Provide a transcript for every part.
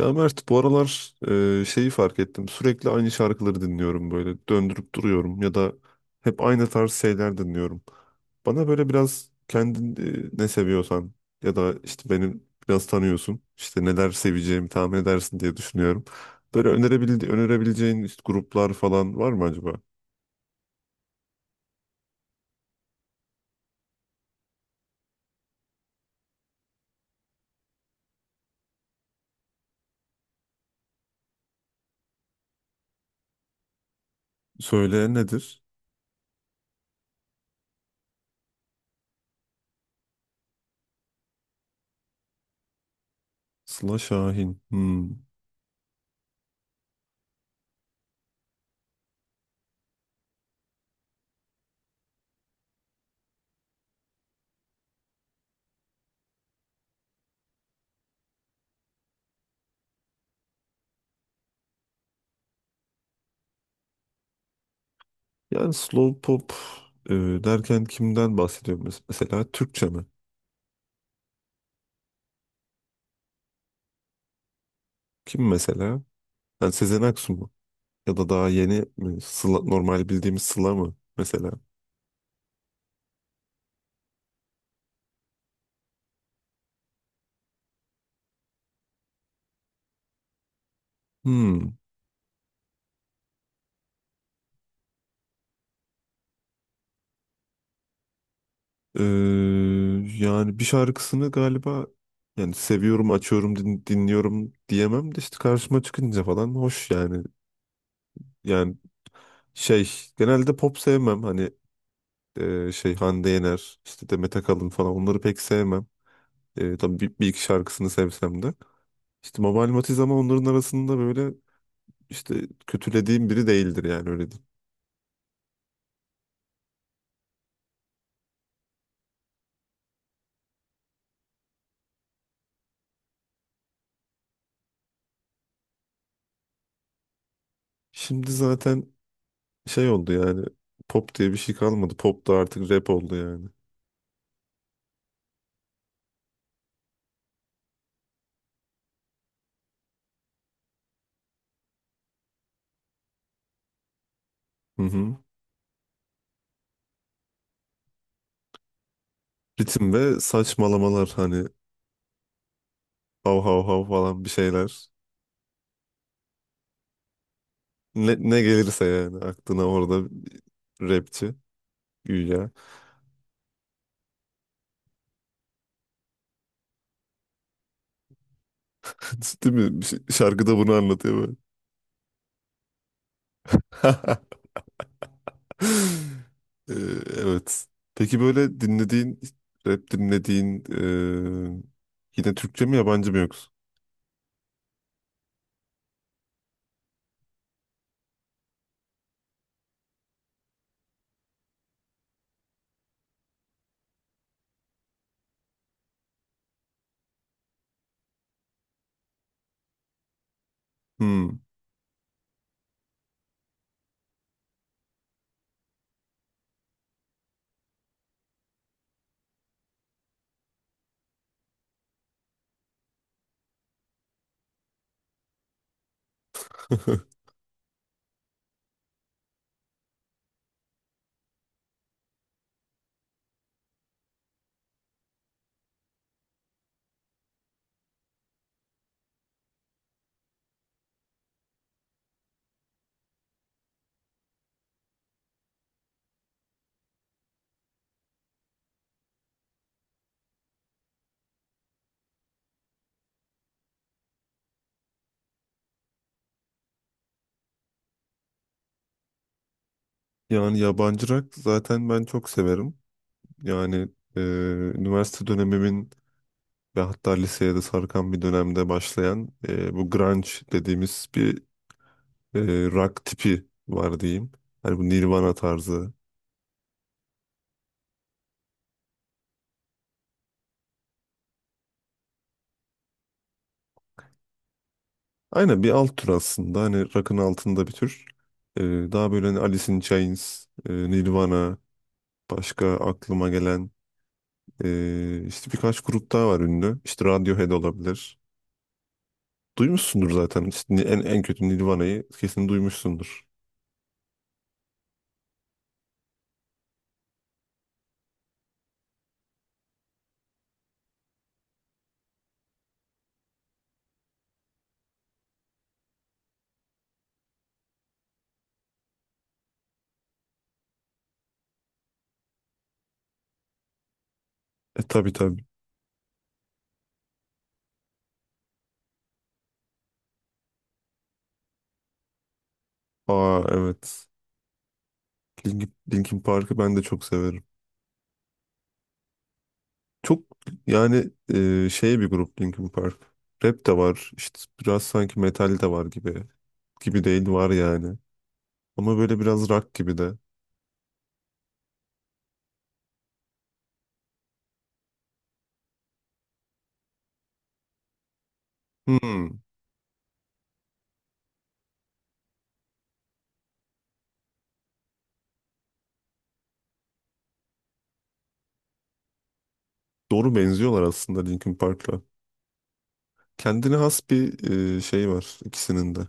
Ya Mert bu aralar şeyi fark ettim. Sürekli aynı şarkıları dinliyorum böyle. Döndürüp duruyorum ya da hep aynı tarz şeyler dinliyorum. Bana böyle biraz kendin ne seviyorsan ya da işte beni biraz tanıyorsun. İşte neler seveceğimi tahmin edersin diye düşünüyorum. Böyle önerebileceğin işte gruplar falan var mı acaba? Söyle, nedir? Sıla Şahin. Hmm. Yani slow pop e, derken kimden bahsediyorum mesela? Türkçe mi? Kim mesela? Yani Sezen Aksu mu? Ya da daha yeni mi? Sıla, normal bildiğimiz Sıla mı mesela? Hmm. Ee, Yani bir şarkısını galiba, yani seviyorum, açıyorum, dinliyorum diyemem de işte karşıma çıkınca falan hoş yani. Yani şey, genelde pop sevmem hani, şey Hande Yener, işte Demet Akalın falan, onları pek sevmem. E, tabii bir iki şarkısını sevsem de. İşte Mabel Matiz ama onların arasında böyle işte kötülediğim biri değildir, yani öyle diyeyim. Şimdi zaten şey oldu yani, pop diye bir şey kalmadı. Pop da artık rap oldu yani. Hı hı. Ritim ve saçmalamalar, hani hav hav hav falan bir şeyler. Ne, ne gelirse yani aklına orada bir rapçi, güya. Değil mi? Şarkıda bunu anlatıyor böyle. Ee, Evet. Peki böyle dinlediğin, rap dinlediğin yine Türkçe mi, yabancı mı yoksa? Hmm. Yani yabancı rock zaten ben çok severim. Yani e, üniversite dönemimin ve hatta liseye de sarkan bir dönemde başlayan, bu grunge dediğimiz bir e, rock tipi var diyeyim. Hani bu Nirvana tarzı. Aynen, bir alt tür aslında. Hani rock'ın altında bir tür. E, daha böyle hani Alice in Chains, Nirvana, başka aklıma gelen işte birkaç grup daha var ünlü. İşte Radiohead olabilir. Duymuşsundur zaten. İşte en kötü Nirvana'yı kesin duymuşsundur. E tabii tabii. Aa evet. Linkin Park'ı ben de çok severim. Çok yani şey bir grup Linkin Park. Rap de var. İşte biraz sanki metal de var gibi. Gibi değil, var yani. Ama böyle biraz rock gibi de. Hmm. Doğru, benziyorlar aslında Linkin Park'la. Kendine has bir şey var ikisinin de.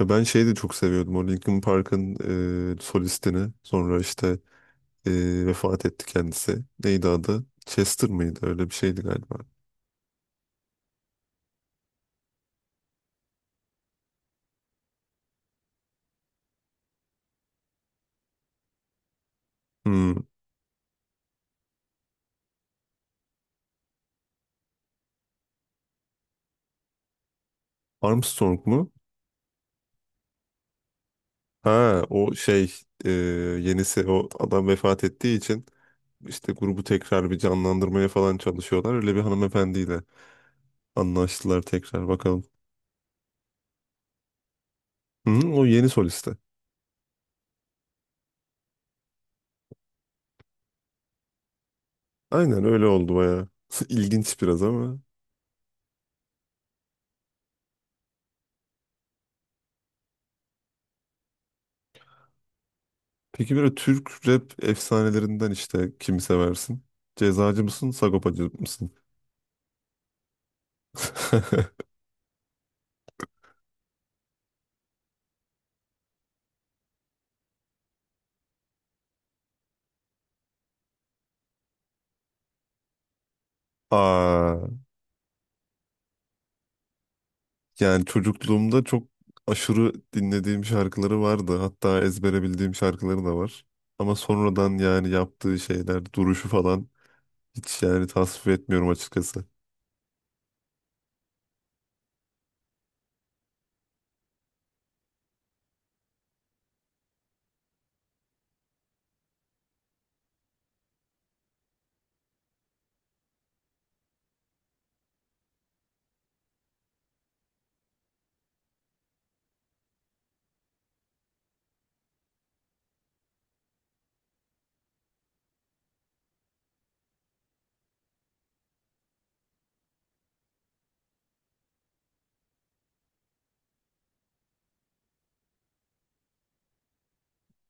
Ya ben şeyi de çok seviyordum. O Linkin Park'ın solistini. Sonra işte vefat etti kendisi. Neydi adı? Chester mıydı? Öyle bir şeydi galiba. Hmm. Armstrong mu? Ha o şey, e, yenisi, o adam vefat ettiği için işte grubu tekrar bir canlandırmaya falan çalışıyorlar. Öyle bir hanımefendiyle anlaştılar, tekrar bakalım. Hı, o yeni solisti. Aynen öyle oldu bayağı. İlginç biraz ama. Peki böyle Türk rap efsanelerinden işte kimi seversin? Cezacı mısın, Sagopacı mısın? Aa, yani çocukluğumda çok aşırı dinlediğim şarkıları vardı. Hatta ezbere bildiğim şarkıları da var. Ama sonradan yani yaptığı şeyler, duruşu falan hiç yani tasvip etmiyorum açıkçası.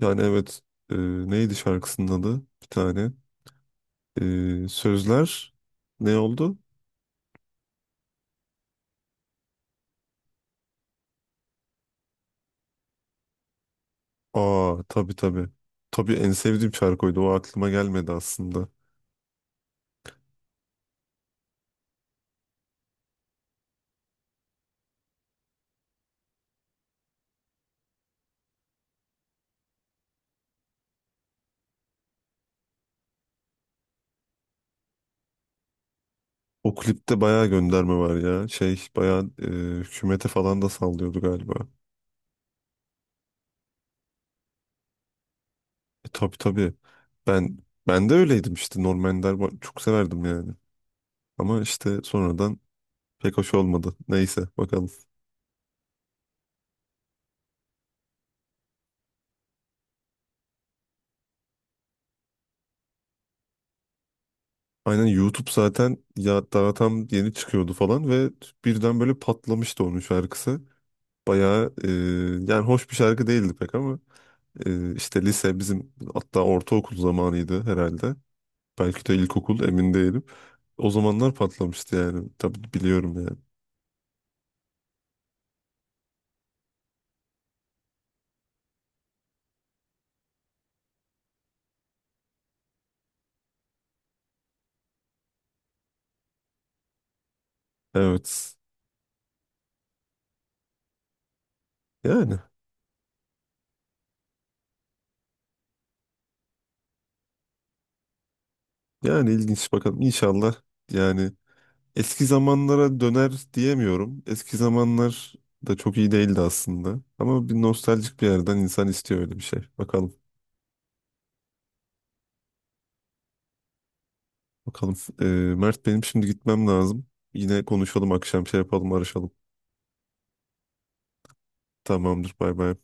Yani evet, e, neydi şarkısının adı? Bir tane. E, sözler ne oldu? Aa, tabii tabii. Tabii en sevdiğim şarkıydı. O aklıma gelmedi aslında. O klipte bayağı gönderme var ya. Şey bayağı hükümete falan da sallıyordu galiba. E, tabii tabii. Ben Ben de öyleydim işte. Norm Ender çok severdim yani. Ama işte sonradan pek hoş olmadı. Neyse bakalım. Aynen, YouTube zaten ya daha tam yeni çıkıyordu falan ve birden böyle patlamıştı onun şarkısı. Bayağı yani hoş bir şarkı değildi pek ama işte lise bizim, hatta ortaokul zamanıydı herhalde. Belki de ilkokul, emin değilim. O zamanlar patlamıştı yani. Tabii biliyorum yani. Evet. Yani. Yani ilginç, bakalım. İnşallah, yani eski zamanlara döner diyemiyorum. Eski zamanlar da çok iyi değildi aslında. Ama bir nostaljik bir yerden insan istiyor öyle bir şey. Bakalım. Bakalım. Ee, Mert, benim şimdi gitmem lazım. Yine konuşalım akşam, şey yapalım, arışalım. Tamamdır. Bay bay.